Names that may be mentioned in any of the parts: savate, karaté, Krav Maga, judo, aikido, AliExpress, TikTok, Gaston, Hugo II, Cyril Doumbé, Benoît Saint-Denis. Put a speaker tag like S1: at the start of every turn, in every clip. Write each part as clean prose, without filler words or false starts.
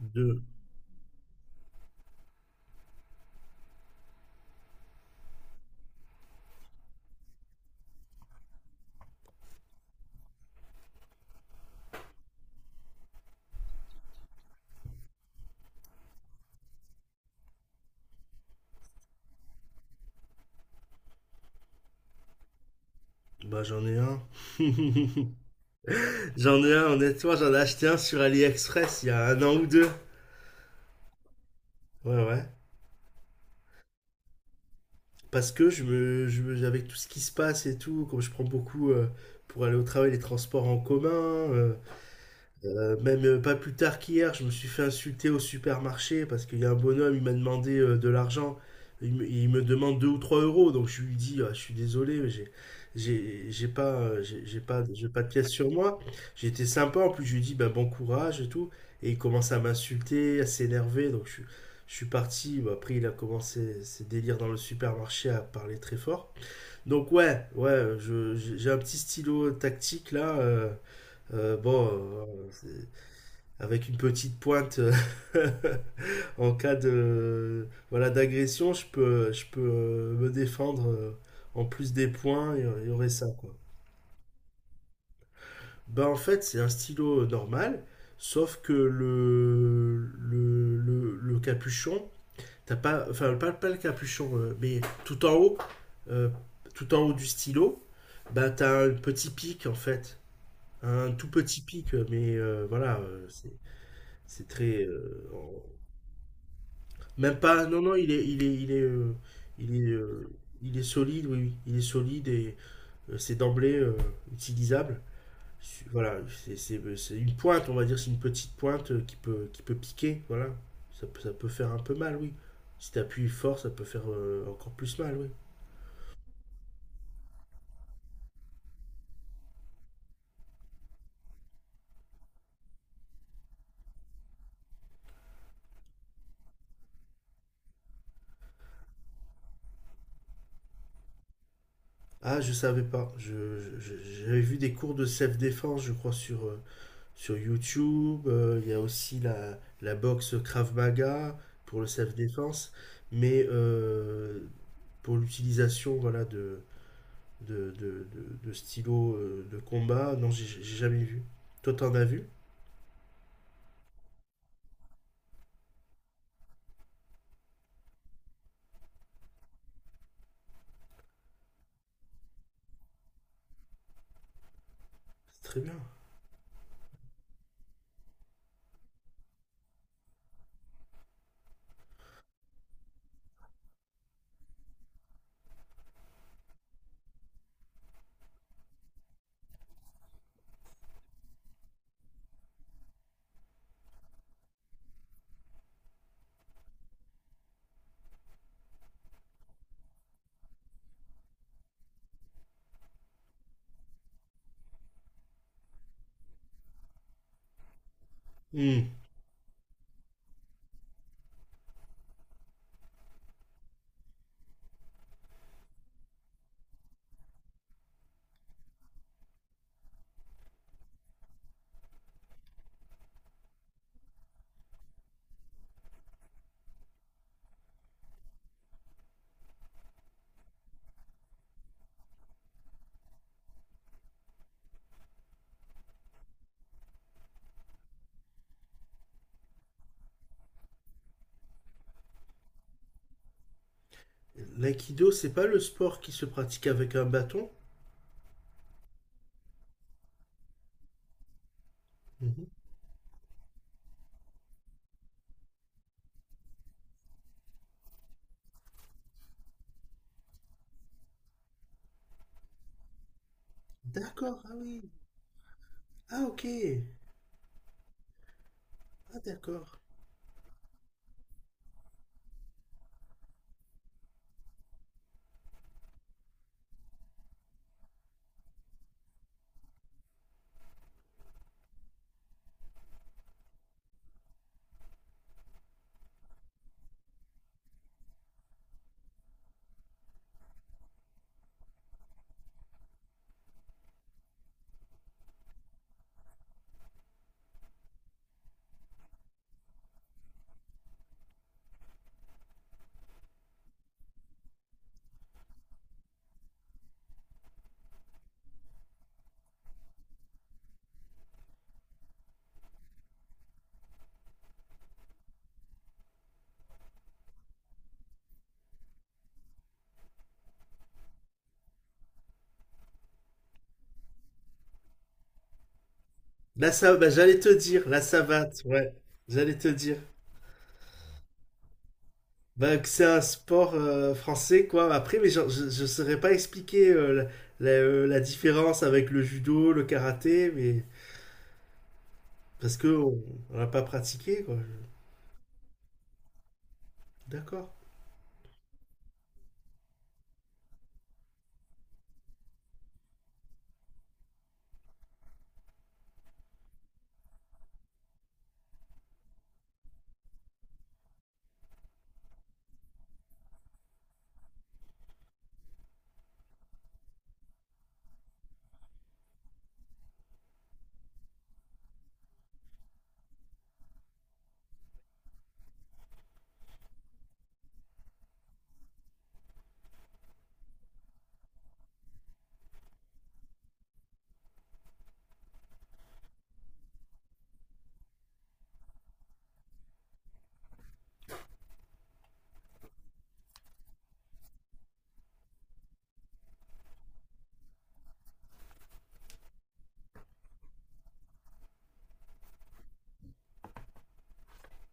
S1: Deux. Bah j'en ai un. J'en ai un, honnêtement, j'en ai acheté un sur AliExpress il y a un an ou deux. Ouais, ouais. Parce que avec tout ce qui se passe et tout, comme je prends beaucoup pour aller au travail, les transports en commun. Même, pas plus tard qu'hier, je me suis fait insulter au supermarché parce qu'il y a un bonhomme, il m'a demandé, de l'argent. Il me demande 2 ou 3 euros, donc je lui dis, ah, je suis désolé, mais j'ai pas, j'ai pas de pièces sur moi. J'étais sympa, en plus je lui dis, ben, bon courage et tout. Et il commence à m'insulter, à s'énerver, donc je suis parti. Bah, après, il a commencé ses délires dans le supermarché à parler très fort. Donc ouais, ouais, j'ai un petit stylo tactique là. Bon, euh, avec une petite pointe en cas de voilà d'agression, je peux me défendre, en plus des points, il y aurait ça quoi. Bah en fait, c'est un stylo, normal, sauf que le capuchon, t'as pas, enfin pas le capuchon, mais tout en haut, euh, du stylo, bah t'as un petit pic en fait, un tout petit pic, mais voilà, c'est très Même pas, non, non, il est, il est, euh, il est solide, oui, oui, il est solide et, c'est d'emblée, utilisable. Voilà, c'est une pointe, on va dire, c'est une petite pointe, qui peut piquer, voilà. Ça peut faire un peu mal, oui. Si t'appuies fort, ça peut faire, encore plus mal, oui. Ah, je savais pas. J'avais vu des cours de self-défense, je crois, sur, sur YouTube. Il y a aussi la boxe Krav Maga pour le self-défense. Mais pour l'utilisation voilà, de stylos, de combat. Non, j'ai jamais vu. Toi, t'en as vu. C'est très bien. Hmm. L'aïkido, c'est pas le sport qui se pratique avec un bâton? Mhm. D'accord, ah oui. Ah, ok. Ah, d'accord. Là, ça, bah, j'allais te dire, la savate, ouais. J'allais te dire. Bah, que c'est un sport, français, quoi. Après, mais genre, je saurais pas expliquer, la différence avec le judo, le karaté, mais parce que on l'a pas pratiqué, quoi. D'accord.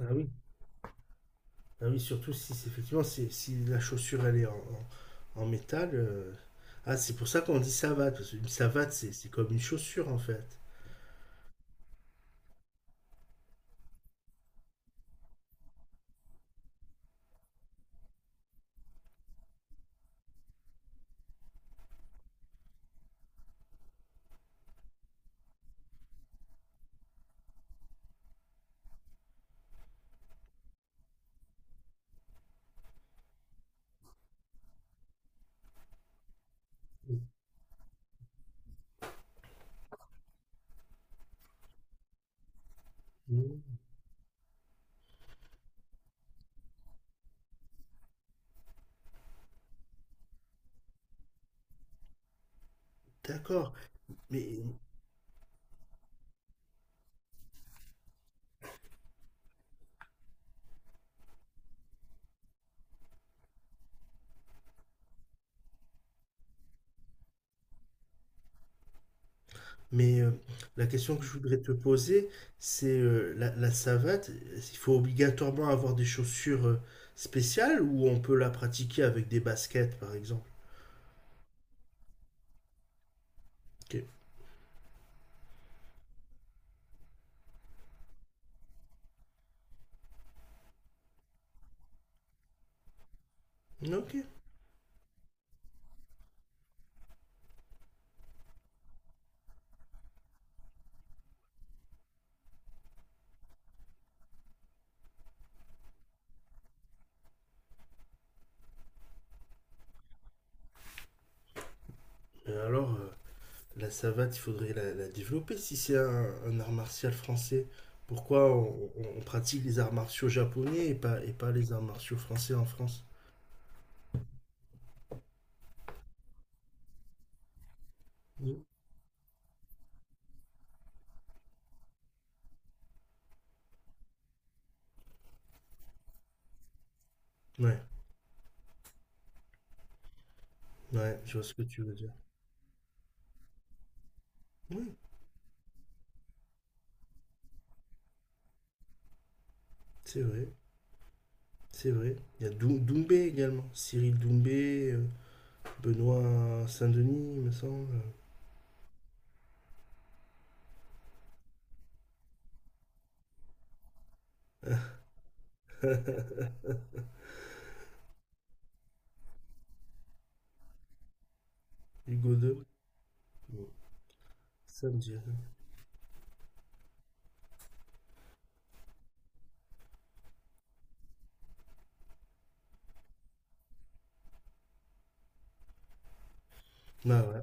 S1: Ah oui. Ah oui, surtout si c'est- effectivement si, si la chaussure elle est en, en métal. Ah, c'est pour ça qu'on dit savate, parce qu'une savate, c'est comme une chaussure en fait. Mhm. D'accord. Mais, mais la question que je voudrais te poser, c'est, la savate, il faut obligatoirement avoir des chaussures, spéciales, ou on peut la pratiquer avec des baskets par exemple? Ok. Ok. Mais alors, la savate, il faudrait la développer si c'est un art martial français. Pourquoi on pratique les arts martiaux japonais et pas les arts martiaux français en France? Mm. Ouais, ouais, je vois ce que tu veux dire. Oui, c'est vrai, c'est vrai. Il y a Doumbé également. Cyril Doumbé, Benoît Saint-Denis, il me semble. Hugo II. Mm. Ça me dit rien. Bah ouais,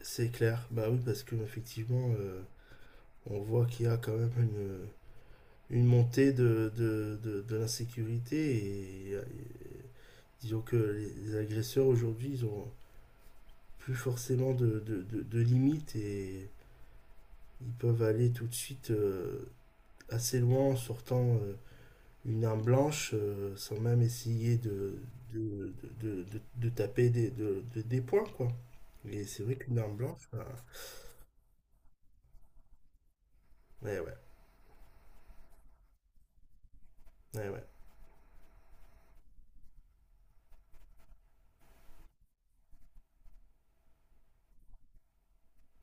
S1: c'est clair. Bah oui, parce que effectivement, on voit qu'il y a quand même une montée de l'insécurité et disons que les agresseurs aujourd'hui, ils ont plus forcément de limites et ils peuvent aller tout de suite, assez loin en sortant, une arme blanche, sans même essayer de taper des, des points, quoi. Et c'est vrai qu'une arme blanche, bah, ouais, ouais, ouais, ouais.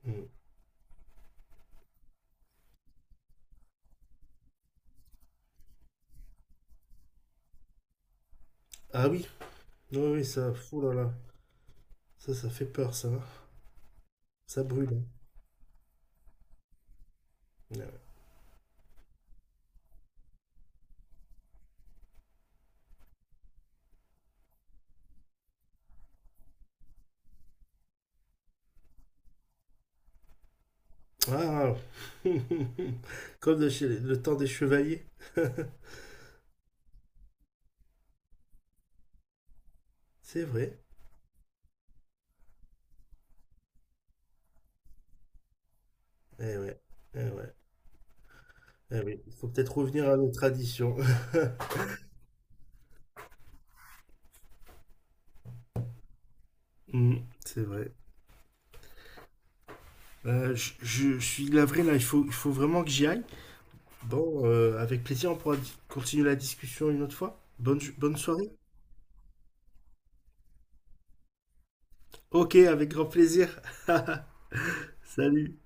S1: Mm. Ah oui, oui, oui, ça, fou là là, ça fait peur, ça, hein. Ça brûle, hein. Ouais, ouais. Ah, comme de le temps des chevaliers. C'est vrai. Eh ouais. Eh ouais. Eh oui. Il faut peut-être revenir à nos traditions. Hmm, c'est vrai. Je suis navré là, il faut vraiment que j'y aille. Bon, avec plaisir, on pourra continuer la discussion une autre fois. Bonne soirée. Ok, avec grand plaisir. Salut.